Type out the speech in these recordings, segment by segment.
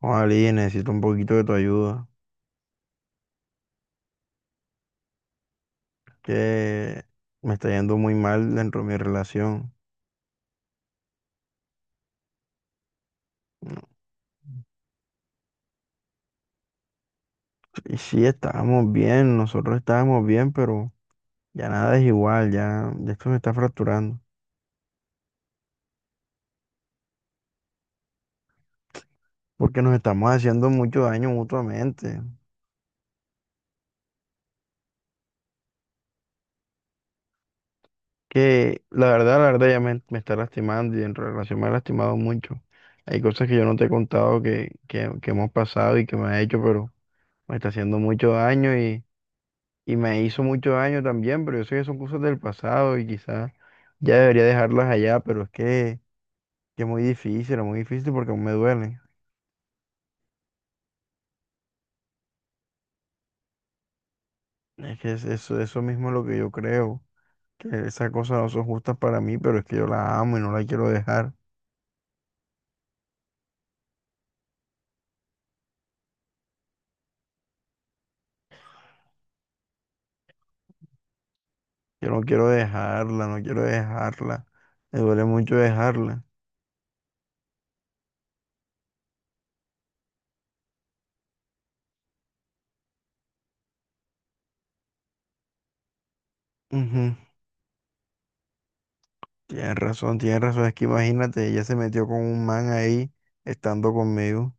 Ali, necesito un poquito de tu ayuda, que me está yendo muy mal dentro de mi relación. No, y sí, estábamos bien, nosotros estábamos bien, pero ya nada es igual, ya esto se está fracturando, porque nos estamos haciendo mucho daño mutuamente, que la verdad ya me está lastimando y en relación me ha lastimado mucho. Hay cosas que yo no te he contado que hemos pasado y que me ha hecho, pero me está haciendo mucho daño y me hizo mucho daño también, pero yo sé que son cosas del pasado y quizás ya debería dejarlas allá, pero es que es muy difícil porque aún me duele. Es que es eso, eso mismo es lo que yo creo, que esas cosas no son justas para mí, pero es que yo la amo y no la quiero dejar. Yo no quiero dejarla, no quiero dejarla. Me duele mucho dejarla. Ujú. Tienes razón, tienes razón. Es que imagínate, ella se metió con un man ahí, estando conmigo.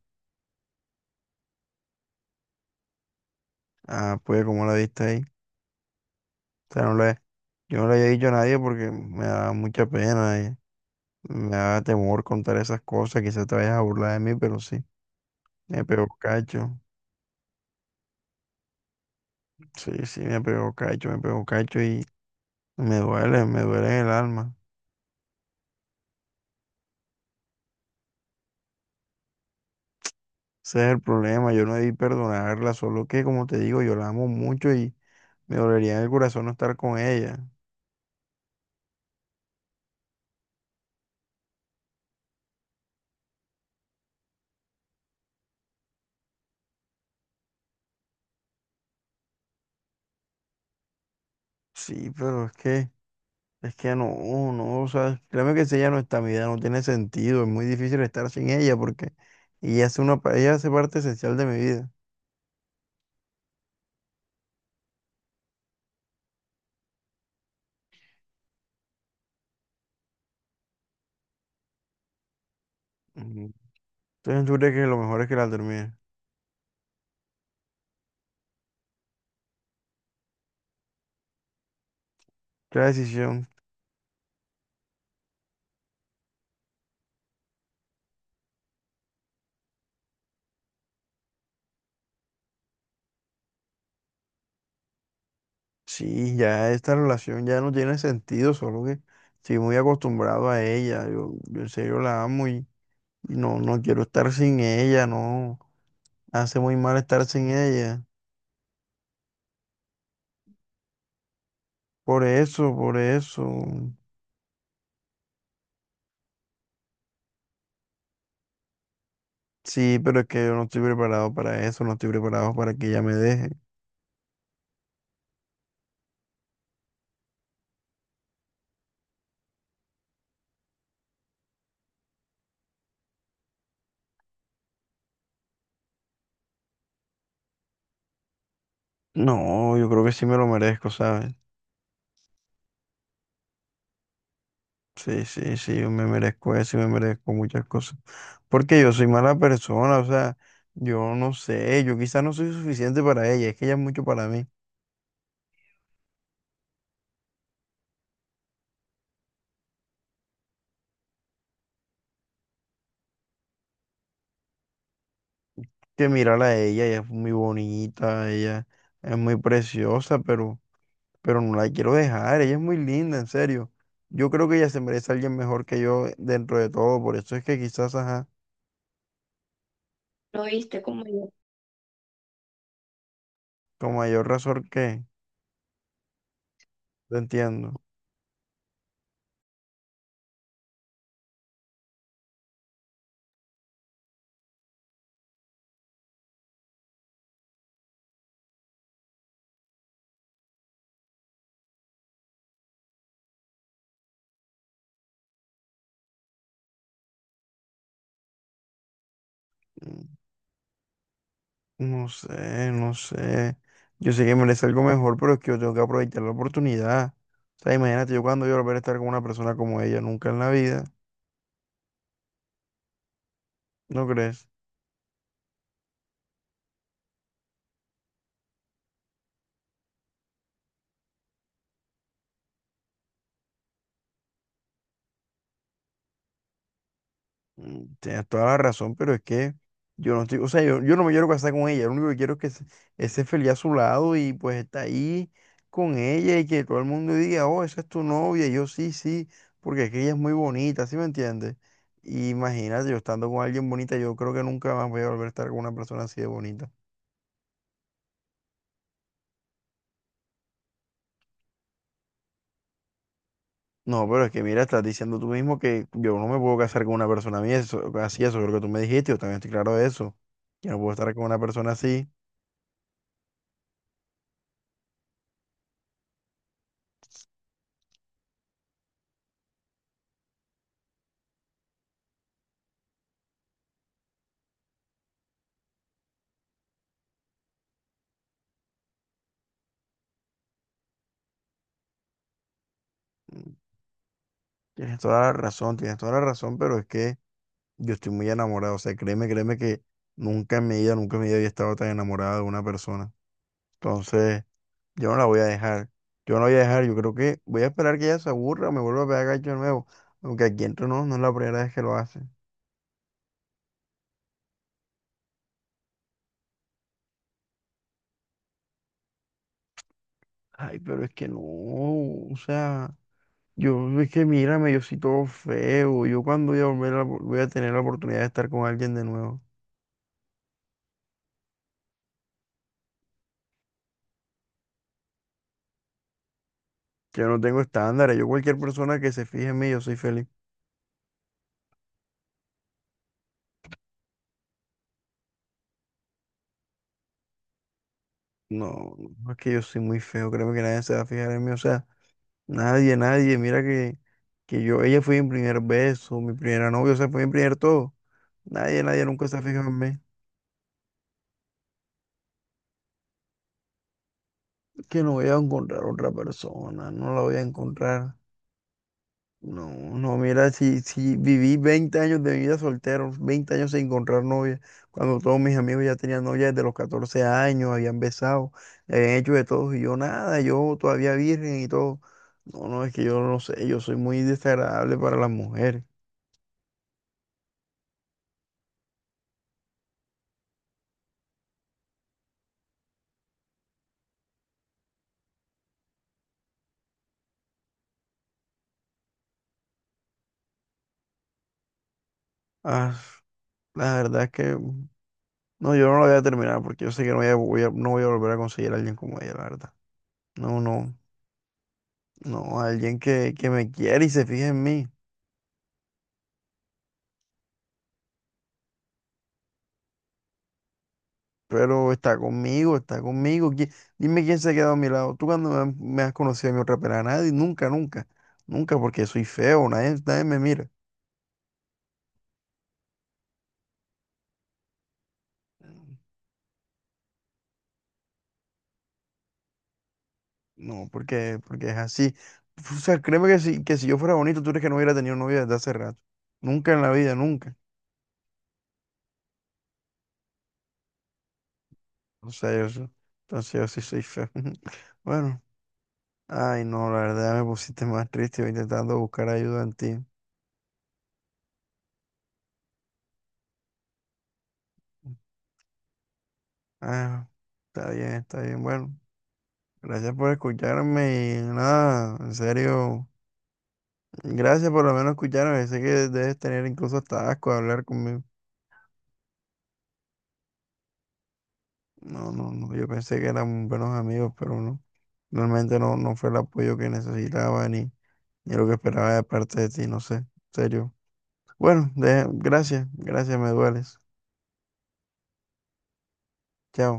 Ah, pues, ¿cómo la viste ahí? O sea, yo no le había dicho a nadie porque me da mucha pena. Me da temor contar esas cosas. Quizás te vayas a burlar de mí, pero sí, me pegó cacho. Sí, sí, me pegó cacho y me duele en el alma. Ese es el problema, yo no debí perdonarla, solo que, como te digo, yo la amo mucho y me dolería en el corazón no estar con ella. Sí, pero es que. Es que no, no, o sea, créeme que si ella no está, mi vida no tiene sentido, es muy difícil estar sin ella porque ella hace ella hace parte esencial de mi vida. Ujú. Entonces yo creo que lo mejor es que la termine. La decisión, sí, ya esta relación ya no tiene sentido, solo que estoy muy acostumbrado a ella, yo en serio la amo y no, no quiero estar sin ella, no, hace muy mal estar sin ella. Por eso, por eso. Sí, pero es que yo no estoy preparado para eso, no estoy preparado para que ella me deje. No, yo creo que sí me lo merezco, ¿sabes? Sí, sí, sí, yo me merezco eso y me merezco muchas cosas. Porque yo soy mala persona, o sea, yo no sé, yo quizás no soy suficiente para ella, es que ella es mucho para mí. Que mirarla a ella, ella es muy bonita, ella es muy preciosa, pero no la quiero dejar, ella es muy linda, en serio. Yo creo que ella se merece a alguien mejor que yo dentro de todo, por eso es que quizás, ajá, lo viste como yo, con mayor razón que, lo entiendo. Mm. No sé, no sé. Yo sé que merece algo mejor, pero es que yo tengo que aprovechar la oportunidad. O sea, imagínate yo cuando yo volver a estar con una persona como ella nunca en la vida, ¿no crees? Tienes toda la razón, pero es que yo no estoy, o sea, yo no me quiero casar con ella, lo único que quiero es que esté feliz a su lado y pues está ahí con ella y que todo el mundo diga, oh, esa es tu novia, y yo sí, sí, porque es que ella es muy bonita, ¿sí me entiendes? Y imagínate, yo estando con alguien bonita, yo creo que nunca más voy a volver a estar con una persona así de bonita. No, pero es que mira, estás diciendo tú mismo que yo no me puedo casar con una persona mía, así, eso es lo que tú me dijiste, yo también estoy claro de eso. Yo no puedo estar con una persona así. Mm, Tienes toda la razón, tienes toda la razón, pero es que yo estoy muy enamorado, o sea, créeme que nunca en mi vida, nunca en mi vida había estado tan enamorado de una persona. Entonces, yo no la voy a dejar, yo no la voy a dejar, yo creo que voy a esperar que ella se aburra o me vuelva a pegar gacho de nuevo, aunque aquí entre no, no es la primera vez que lo hace. Ay, pero es que no, o sea. Yo, es que mírame, yo soy todo feo. Yo cuando voy a tener la oportunidad de estar con alguien de nuevo. Yo no tengo estándares. Yo cualquier persona que se fije en mí, yo soy feliz. No, no es que yo soy muy feo. Créeme que nadie se va a fijar en mí. O sea, nadie, nadie. Mira que yo, ella fue mi primer beso, mi primera novia, o sea, fue mi primer todo. Nadie, nadie nunca se ha fijado en mí. Que no voy a encontrar otra persona, no la voy a encontrar. No, no, mira, si, si viví 20 años de mi vida soltero, 20 años sin encontrar novia, cuando todos mis amigos ya tenían novia desde los 14 años, habían besado, habían hecho de todo, y yo nada, yo todavía virgen y todo. No, no, es que yo no sé, yo soy muy desagradable para las mujeres. Ah, la verdad es que, mm, no, yo no lo voy a terminar porque yo sé que no voy a, voy a- no voy a volver a conseguir a alguien como ella, la verdad. No, no, no, alguien que me quiere y se fije en mí. Pero está conmigo, está conmigo. Dime quién se ha quedado a mi lado. Tú cuando me has conocido a mi otra pera, nadie, nunca, nunca, nunca, porque soy feo, nadie, nadie me mira. No, porque es así. O sea, créeme que que si yo fuera bonito, tú crees que no hubiera tenido novia desde hace rato. Nunca en la vida, nunca. O sea, entonces yo sí soy feo. Bueno, ay, no, la verdad me pusiste más triste yo intentando buscar ayuda en ti. Ah, está bien, bueno. Gracias por escucharme y nada, en serio, gracias por lo menos escucharme. Sé que debes tener incluso hasta asco de hablar conmigo. No, no, no, yo pensé que éramos buenos amigos, pero no. Realmente no, no fue el apoyo que necesitaba ni lo que esperaba de parte de ti, no sé, en serio. Bueno, gracias, gracias, me dueles. Chao.